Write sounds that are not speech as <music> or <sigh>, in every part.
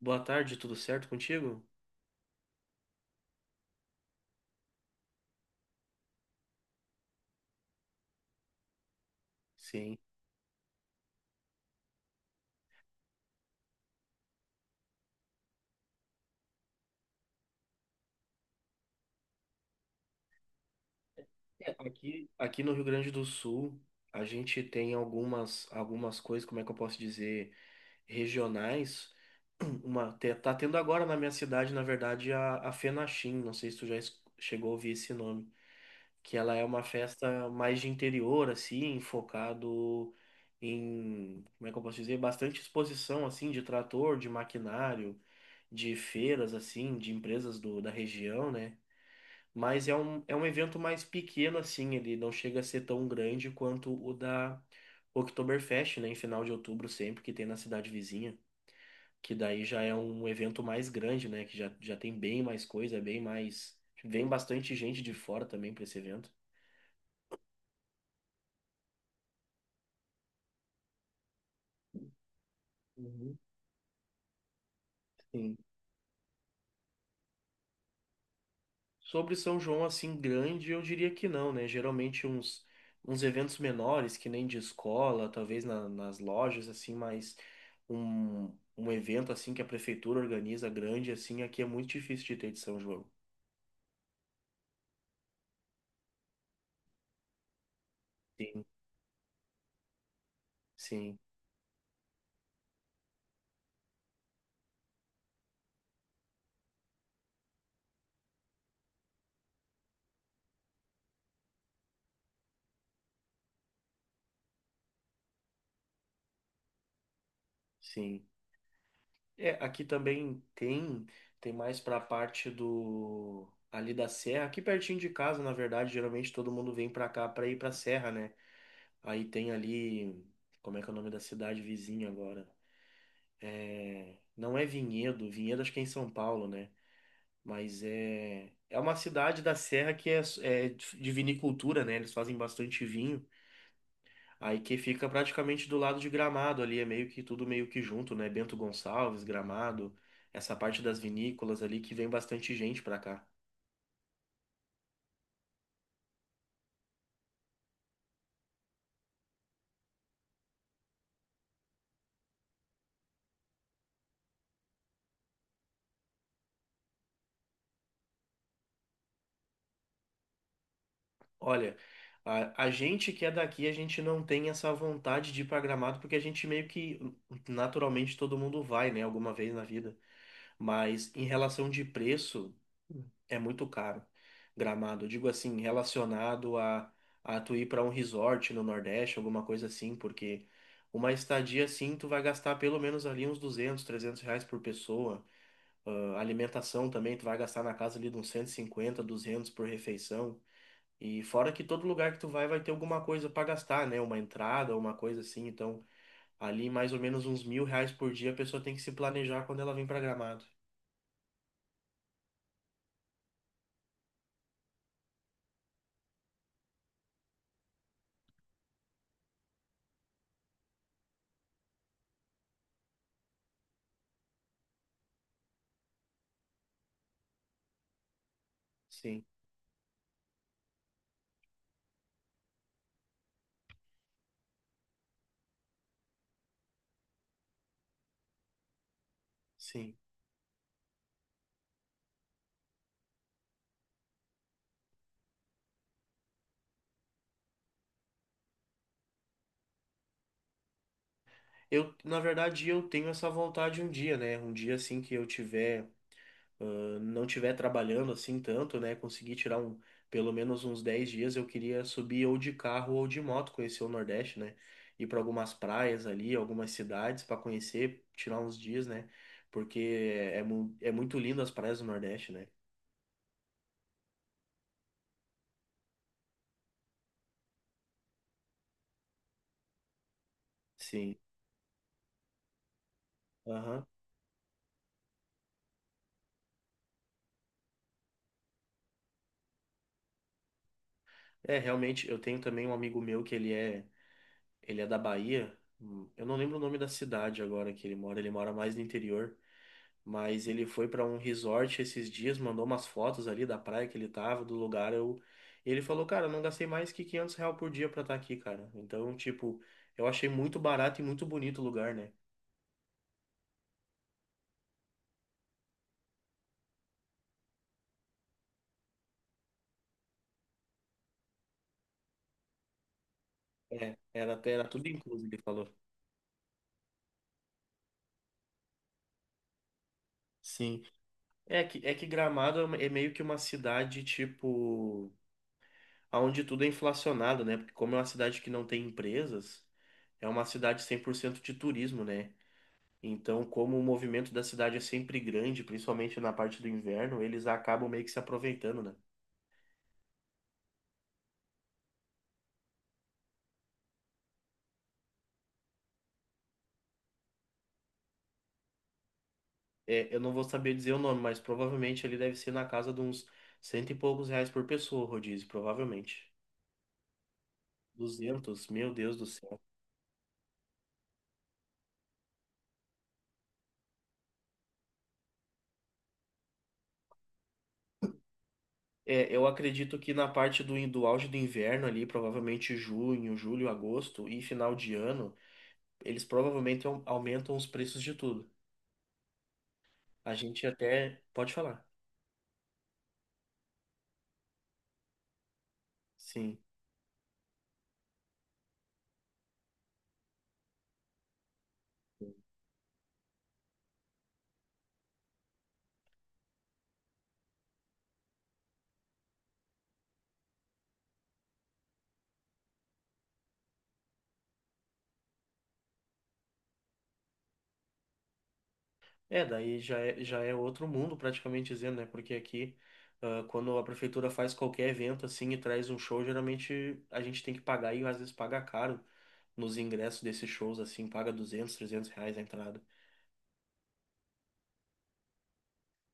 Boa tarde, tudo certo contigo? Sim. Aqui, aqui no Rio Grande do Sul, a gente tem algumas coisas, como é que eu posso dizer, regionais. <clears throat> Uma, tá tendo agora na minha cidade, na verdade, a Fenachim, não sei se tu já chegou a ouvir esse nome, que ela é uma festa mais de interior, assim, focado em, como é que eu posso dizer, bastante exposição, assim, de trator, de maquinário, de feiras, assim, de empresas da região, né? Mas é um evento mais pequeno, assim, ele não chega a ser tão grande quanto o da Oktoberfest, né, em final de outubro sempre, que tem na cidade vizinha, que daí já é um evento mais grande, né, que já tem bem mais coisa, bem mais... Vem bastante gente de fora também para esse evento. Uhum. Sim. Sobre São João assim grande, eu diria que não, né? Geralmente uns eventos menores, que nem de escola, talvez nas lojas, assim, mas um evento assim que a prefeitura organiza grande, assim, aqui é muito difícil de ter de São João. Sim, sim, sim. É, aqui também tem, tem mais pra parte do ali da serra, aqui pertinho de casa, na verdade, geralmente todo mundo vem pra cá pra ir pra serra, né? Aí tem ali, como é que é o nome da cidade vizinha agora? É, não é Vinhedo, Vinhedo acho que é em São Paulo, né? Mas é, é uma cidade da Serra que é, é de vinicultura, né? Eles fazem bastante vinho. Aí que fica praticamente do lado de Gramado ali, é meio que tudo meio que junto, né? Bento Gonçalves, Gramado, essa parte das vinícolas ali que vem bastante gente pra cá. Olha, a gente que é daqui, a gente não tem essa vontade de ir pra Gramado porque a gente meio que naturalmente todo mundo vai, né? Alguma vez na vida. Mas em relação de preço, é muito caro. Gramado, eu digo assim, relacionado a tu ir para um resort no Nordeste, alguma coisa assim, porque uma estadia assim, tu vai gastar pelo menos ali uns R$ 200, 300 por pessoa. Ah, alimentação também, tu vai gastar na casa ali de uns 150, 200 por refeição. E fora que todo lugar que tu vai, vai ter alguma coisa para gastar, né? Uma entrada, uma coisa assim. Então, ali mais ou menos uns 1.000 reais por dia a pessoa tem que se planejar quando ela vem para Gramado. Sim. Sim. Na verdade, eu tenho essa vontade um dia, né? Um dia assim que eu tiver, não tiver trabalhando assim tanto, né? Conseguir tirar um, pelo menos uns 10 dias, eu queria subir ou de carro ou de moto, conhecer o Nordeste, né? Ir para algumas praias ali, algumas cidades para conhecer, tirar uns dias, né? Porque é, é muito lindo as praias do Nordeste, né? Sim. Aham. É, realmente, eu tenho também um amigo meu que ele é da Bahia. Eu não lembro o nome da cidade agora que ele mora mais no interior. Mas ele foi para um resort esses dias, mandou umas fotos ali da praia que ele tava, do lugar. Eu... Ele falou, cara, eu não gastei mais que 500 real por dia pra estar aqui, cara. Então, tipo, eu achei muito barato e muito bonito o lugar, né? É, era, era tudo incluso, ele falou. Sim. É que Gramado é é meio que uma cidade, tipo, onde tudo é inflacionado, né? Porque como é uma cidade que não tem empresas, é uma cidade 100% de turismo, né? Então, como o movimento da cidade é sempre grande, principalmente na parte do inverno, eles acabam meio que se aproveitando, né? É, eu não vou saber dizer o nome, mas provavelmente ele deve ser na casa de uns 100 e poucos reais por pessoa, o rodízio, provavelmente. 200, meu Deus do céu. É, eu acredito que na parte do, do auge do inverno ali, provavelmente junho, julho, agosto e final de ano, eles provavelmente aumentam os preços de tudo. A gente até pode falar. Sim. É, daí já é outro mundo, praticamente dizendo, né? Porque aqui, ah, quando a prefeitura faz qualquer evento assim e traz um show, geralmente a gente tem que pagar e às vezes paga caro nos ingressos desses shows, assim, paga R$ 200, 300 a entrada.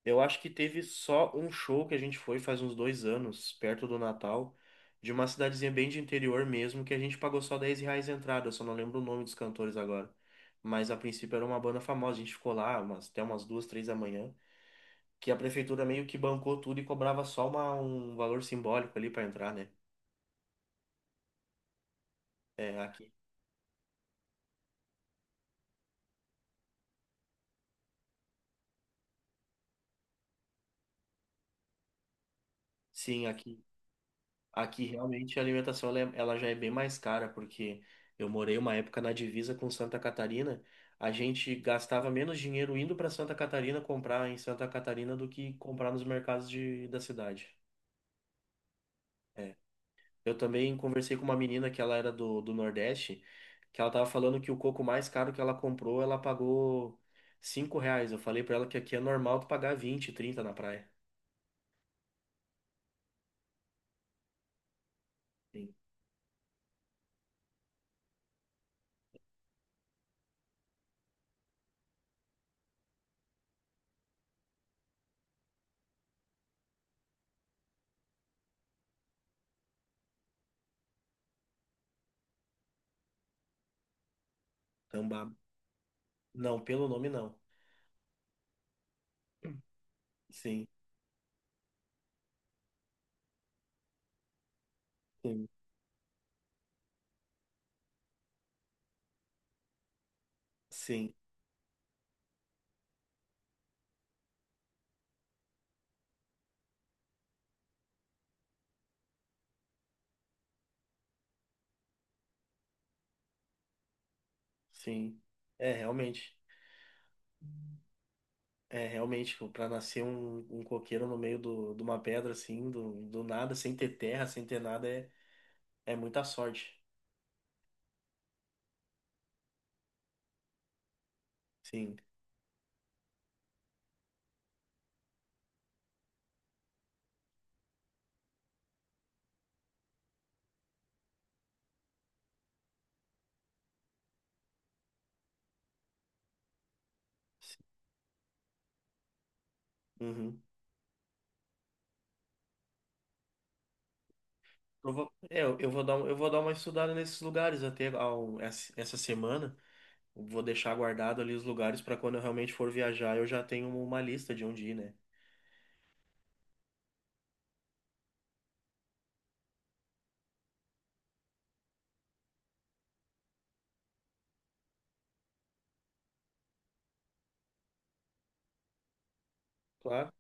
Eu acho que teve só um show que a gente foi faz uns 2 anos, perto do Natal, de uma cidadezinha bem de interior mesmo, que a gente pagou só 10 reais a entrada, eu só não lembro o nome dos cantores agora. Mas a princípio era uma banda famosa, a gente ficou lá umas, até umas 2, 3 da manhã. Que a prefeitura meio que bancou tudo e cobrava só um valor simbólico ali para entrar, né? É, aqui. Sim, aqui. Aqui realmente a alimentação ela já é bem mais cara, porque eu morei uma época na divisa com Santa Catarina. A gente gastava menos dinheiro indo para Santa Catarina comprar em Santa Catarina do que comprar nos mercados da cidade. É, eu também conversei com uma menina que ela era do Nordeste, que ela tava falando que o coco mais caro que ela comprou, ela pagou 5 reais. Eu falei pra ela que aqui é normal tu pagar 20, 30 na praia. Sim. Tambá. Não, pelo nome não. Sim, sim, sim, sim. É, realmente. É, realmente, tipo, pra nascer um coqueiro no meio de uma pedra, assim, do nada, sem ter terra, sem ter nada, é, é muita sorte. Sim. Sim. Uhum. Eu vou, é, eu vou dar, um- eu vou dar uma estudada nesses lugares até ao, essa essa semana. Vou deixar guardado ali os lugares para quando eu realmente for viajar, eu já tenho uma lista de onde ir, né? Claro.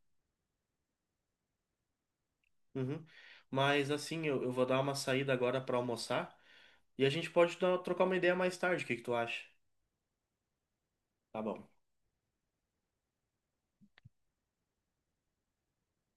Uhum. Mas assim, eu vou dar uma saída agora para almoçar e a gente pode trocar uma ideia mais tarde. O que que tu acha? Tá bom.